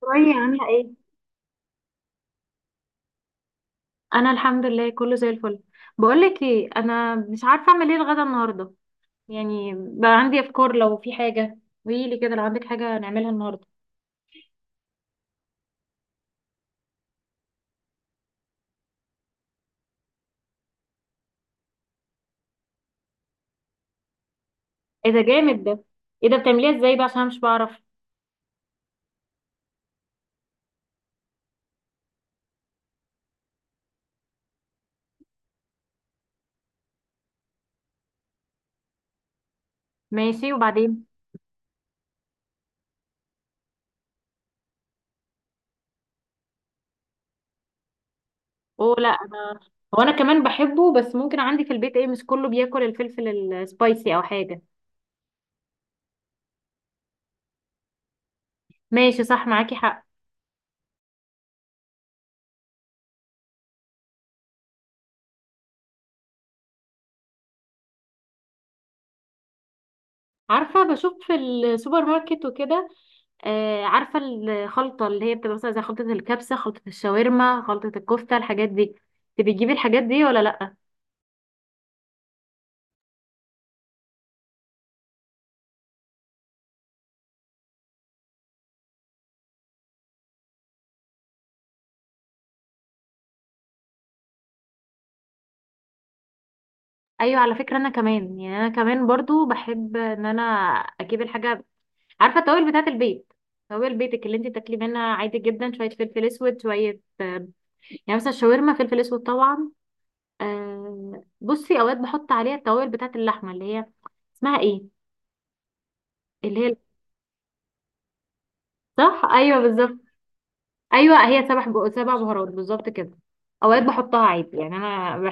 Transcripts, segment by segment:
شوية عاملة ايه؟ أنا الحمد لله كله زي الفل. بقولك ايه، أنا مش عارفة أعمل ايه الغدا النهاردة. يعني بقى عندي أفكار، لو في حاجة قوليلي كده، لو عندك حاجة نعملها النهاردة. ايه ده جامد ده! ايه ده، بتعمليها ازاي بقى؟ عشان أنا مش بعرف. ماشي، وبعدين؟ اوه لا، أنا، هو أنا كمان بحبه، بس ممكن عندي في البيت ايه، مش كله بياكل الفلفل السبايسي أو حاجة. ماشي، صح، معاكي حق. عارفة، بشوف في السوبر ماركت وكده. آه، عارفة الخلطة اللي هي بتبقى مثلا زي خلطة الكبسة، خلطة الشاورما، خلطة الكفتة، الحاجات دي، انت بتجيبي الحاجات دي ولا لأ؟ ايوه، على فكرة انا كمان برضو بحب ان انا اجيب الحاجة. عارفة التوابل بتاعة البيت، توابل بيتك اللي انت تاكلي منها عادي جدا، شوية فلفل اسود، شوية، يعني مثلا الشاورما فلفل اسود طبعا. آه، بصي اوقات بحط عليها التوابل بتاعة اللحمة اللي هي اسمها ايه، اللي هي... صح، ايوه بالظبط. ايوه هي سبع بهارات بالظبط كده. اوقات بحطها عادي، يعني انا،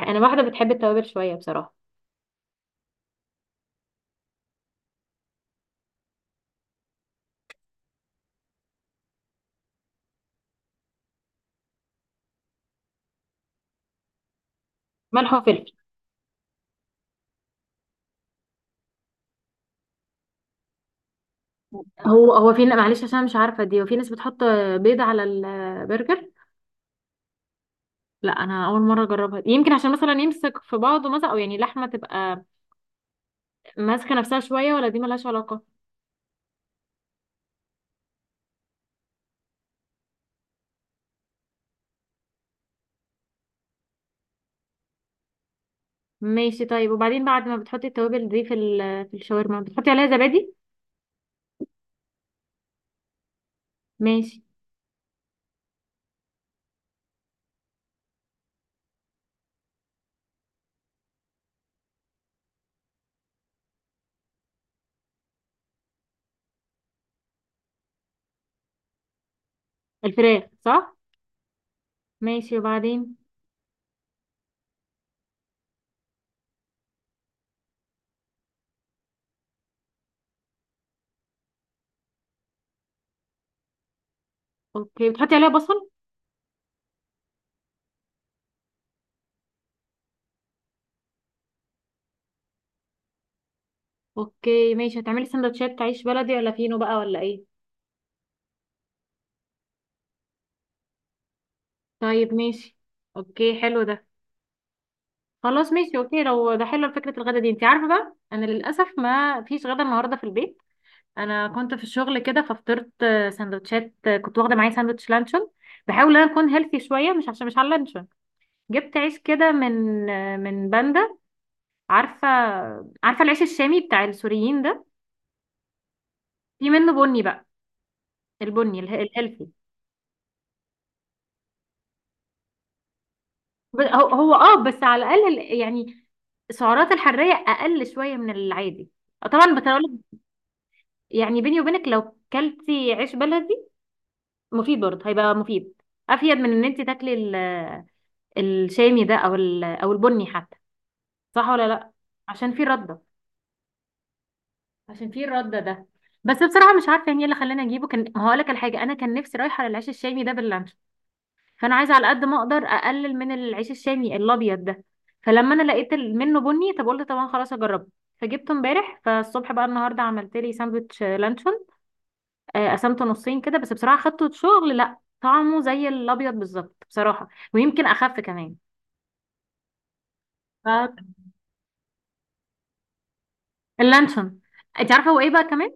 انا واحده بتحب التوابل شويه بصراحه. ملح وفلفل. هو في، معلش عشان مش عارفه دي، وفي ناس بتحط بيض على البرجر. لا انا اول مره اجربها دي. يمكن عشان مثلا يمسك في بعضه مثلا، او يعني اللحمه تبقى ماسكه نفسها شويه، ولا دي ملهاش علاقه؟ ماشي طيب، وبعدين بعد ما بتحطي التوابل دي في الشاورما، بتحطي عليها زبادي؟ ماشي. الفراخ، صح. ماشي، وبعدين؟ اوكي، بتحطي عليها بصل. اوكي ماشي، هتعملي سندوتشات عيش بلدي ولا فينو بقى ولا ايه؟ طيب ماشي. اوكي حلو ده. خلاص ماشي، اوكي، لو ده حلو فكرة الغدا دي. انت عارفة بقى، انا للأسف ما فيش غدا النهاردة في البيت. انا كنت في الشغل كده، ففطرت سندوتشات، كنت واخدة معايا سندوتش لانشون. بحاول ان انا اكون هيلثي شوية، مش عشان مش على اللانشون. جبت عيش كده من، من باندا. عارفة، عارفة العيش الشامي بتاع السوريين ده؟ في منه بني بقى، البني الهيلثي. هو اه، بس على الاقل يعني السعرات الحراريه اقل شويه من العادي. طبعا بتقول، يعني بيني وبينك لو كلتي عيش بلدي مفيد برضه، هيبقى مفيد، افيد من ان انت تاكلي الشامي ده، او او البني حتى، صح ولا لا؟ عشان في رده. عشان في الرده ده. بس بصراحه مش عارفه يعني ايه اللي خلاني اجيبه. كان هقول لك الحاجه، انا كان نفسي رايحه للعيش الشامي ده، فانا عايزه على قد ما اقدر اقلل من العيش الشامي الابيض ده. فلما انا لقيت منه بني، طب قلت طبعا خلاص اجربه. فجبته امبارح، فالصبح بقى النهارده عملت لي ساندوتش لانشون. قسمته نصين كده. بس بصراحه خدته شغل، لا طعمه زي الابيض بالظبط بصراحه، ويمكن اخف كمان. ف- اللانشون. انت عارفه هو ايه بقى كمان؟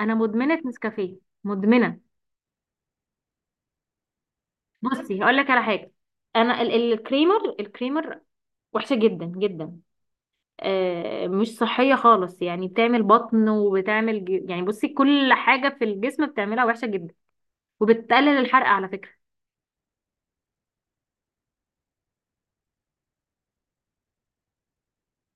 انا مدمنه نسكافيه. مدمنه. بصي هقول لك على حاجه، انا الكريمر وحشه جدا جدا. مش صحية خالص، يعني بتعمل بطن، وبتعمل يعني بصي كل حاجة في الجسم بتعملها وحشة جدا، وبتقلل الحرق على فكرة.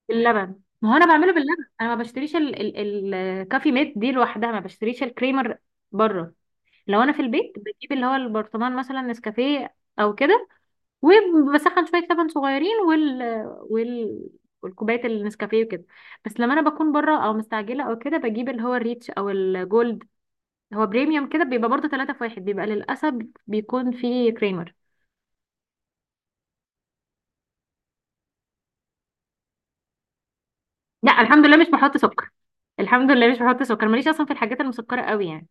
اللبن، ما هو انا بعمله باللبن، انا ما بشتريش الكافي ميت دي لوحدها، ما بشتريش الكريمر بره. لو انا في البيت بجيب اللي هو البرطمان مثلا نسكافيه او كده، وبسخن شوية لبن صغيرين وال وال والكوباية النسكافيه وكده. بس لما انا بكون بره او مستعجله او كده، بجيب اللي هو الريتش او الجولد، هو بريميوم كده بيبقى برضه 3 في 1، بيبقى للاسف بيكون فيه كريمر. لا الحمد لله مش بحط سكر، الحمد لله مش بحط سكر، ماليش اصلا في الحاجات المسكره قوي يعني.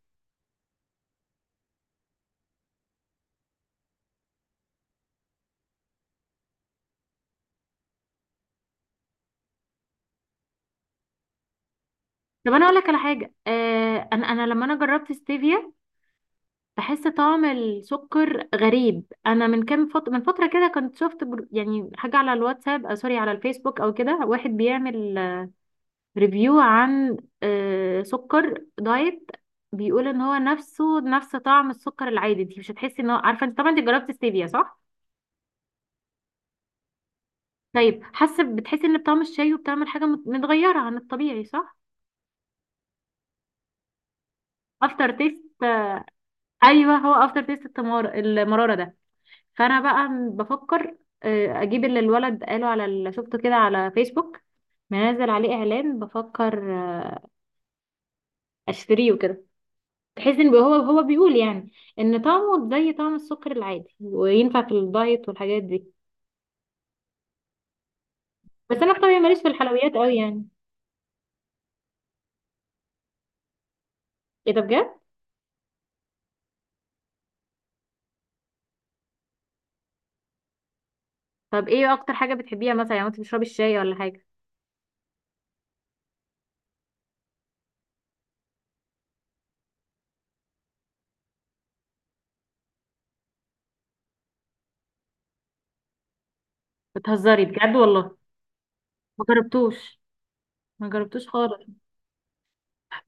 طب انا اقول لك على حاجه، آه انا لما انا جربت ستيفيا بحس طعم السكر غريب. انا من كام فتره من فتره كده كنت شفت يعني حاجه على الواتساب، آه سوري، على الفيسبوك او كده، واحد بيعمل ريفيو عن سكر دايت، بيقول ان هو نفسه نفس طعم السكر العادي، انت مش هتحسي ان هو، عارفه انت طبعا انت جربت ستيفيا صح؟ طيب حاسه، بتحسي ان بطعم الشاي وبتعمل حاجه متغيره عن الطبيعي صح؟ افتر تيست، ايوه، هو افتر تيست التمار المراره ده. فانا بقى بفكر، اجيب اللي الولد قاله، على اللي شفته كده على فيسبوك منزل عليه اعلان، بفكر اشتريه وكده. تحس ان هو بيقول يعني ان طعمه زي طعم السكر العادي، وينفع في الدايت والحاجات دي. بس انا في طبيعي ماليش في الحلويات قوي يعني. ايه ده بجد! طب ايه اكتر حاجه بتحبيها مثلا يعني، انت بتشربي الشاي ولا حاجه؟ بتهزري بجد والله! ما جربتوش، ما جربتوش خالص.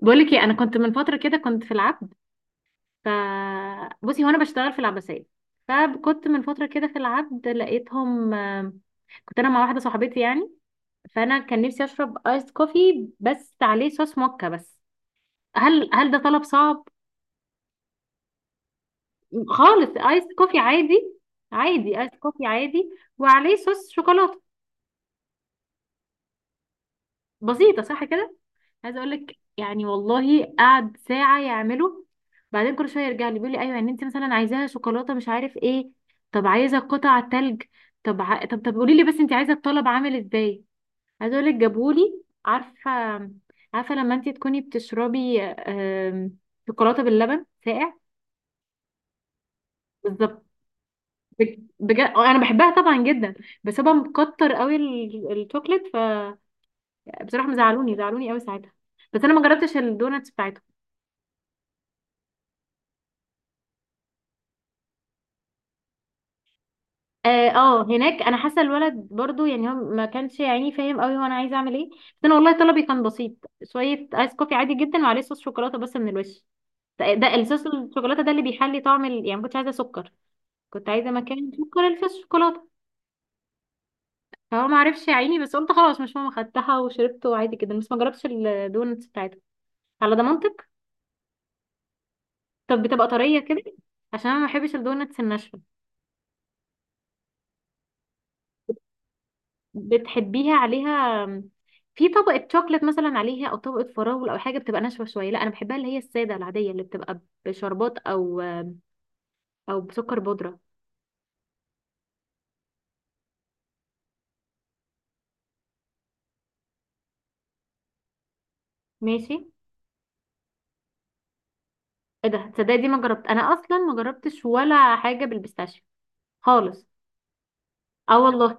بقول لك ايه، انا كنت من فتره كده، كنت في العبد. ف... بصي هو انا بشتغل في العباسيه، فكنت من فتره كده في العبد لقيتهم، كنت انا مع واحده صاحبتي يعني. فانا كان نفسي اشرب ايس كوفي بس عليه صوص موكا بس. هل ده طلب صعب؟ خالص ايس كوفي عادي، عادي ايس كوفي عادي، وعليه صوص شوكولاته. بسيطه صح كده. عايزه اقول لك يعني، والله قعد ساعه يعمله. بعدين كل شويه يرجع لي بيقول لي ايوه، يعني انت مثلا عايزاها شوكولاته مش عارف ايه، طب عايزه قطع تلج، طب ع... طب طب قولي لي بس انت عايزه الطلب عامل ازاي. عايزه اقول لك جابهولي، عارفه، عارفه لما انت تكوني بتشربي، شوكولاته باللبن ساقع؟ بالظبط. بجد انا بحبها طبعا جدا، بس هو مكتر قوي الشوكليت. فبصراحه زعلوني قوي ساعتها. بس انا ما جربتش الدوناتس. اه، هناك انا حاسه الولد برضو يعني هو ما كانش يعني فاهم قوي هو انا عايزه اعمل ايه. بس انا والله طلبي كان بسيط، شويه ايس كوفي عادي جدا وعليه صوص شوكولاته بس من الوش. ده الصوص الشوكولاته ده اللي بيحلي طعم يعني ما كنتش عايزه سكر، كنت عايزه مكان سكر الفص شوكولاته. فهو ما عرفش يا عيني، بس قلت خلاص مش مهم، خدتها وشربته عادي جدا، بس ما جربتش الدونتس بتاعتها. على ضمانتك؟ طب بتبقى طريه كده؟ عشان انا ما بحبش الدونتس الناشفه. بتحبيها عليها في طبقة شوكليت مثلا، عليها او طبقة فراولة او حاجة بتبقى ناشفة شوية؟ لا انا بحبها اللي هي السادة العادية اللي بتبقى بشربات، او او بسكر بودرة. ماشي. ايه ده، تصدقي دي ما جربت، انا اصلا ما جربتش ولا حاجة بالبيستاشيو خالص. اه والله.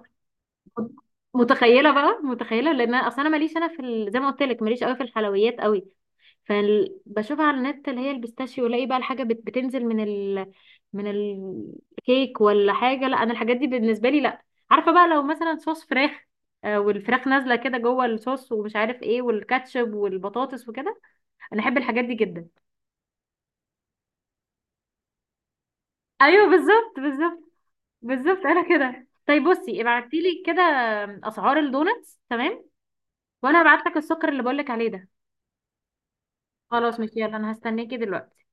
متخيلة بقى، متخيلة، لان انا اصلا انا ماليش انا زي ما قلت لك ماليش قوي في الحلويات قوي. فبشوفها على النت اللي هي البيستاشيو، الاقي بقى الحاجه بتنزل من الكيك ولا حاجه، لا انا الحاجات دي بالنسبه لي لا. عارفه بقى لو مثلا صوص فراخ، والفراخ نازله كده جوه الصوص ومش عارف ايه، والكاتشب والبطاطس وكده، انا احب الحاجات دي جدا. ايوه بالظبط، بالظبط، بالظبط. انا كده. طيب بصي، ابعتي لي كده اسعار الدونتس تمام، وانا هبعت لك السكر اللي بقول لك عليه ده. خلاص ماشي، يلا انا هستناكي دلوقتي.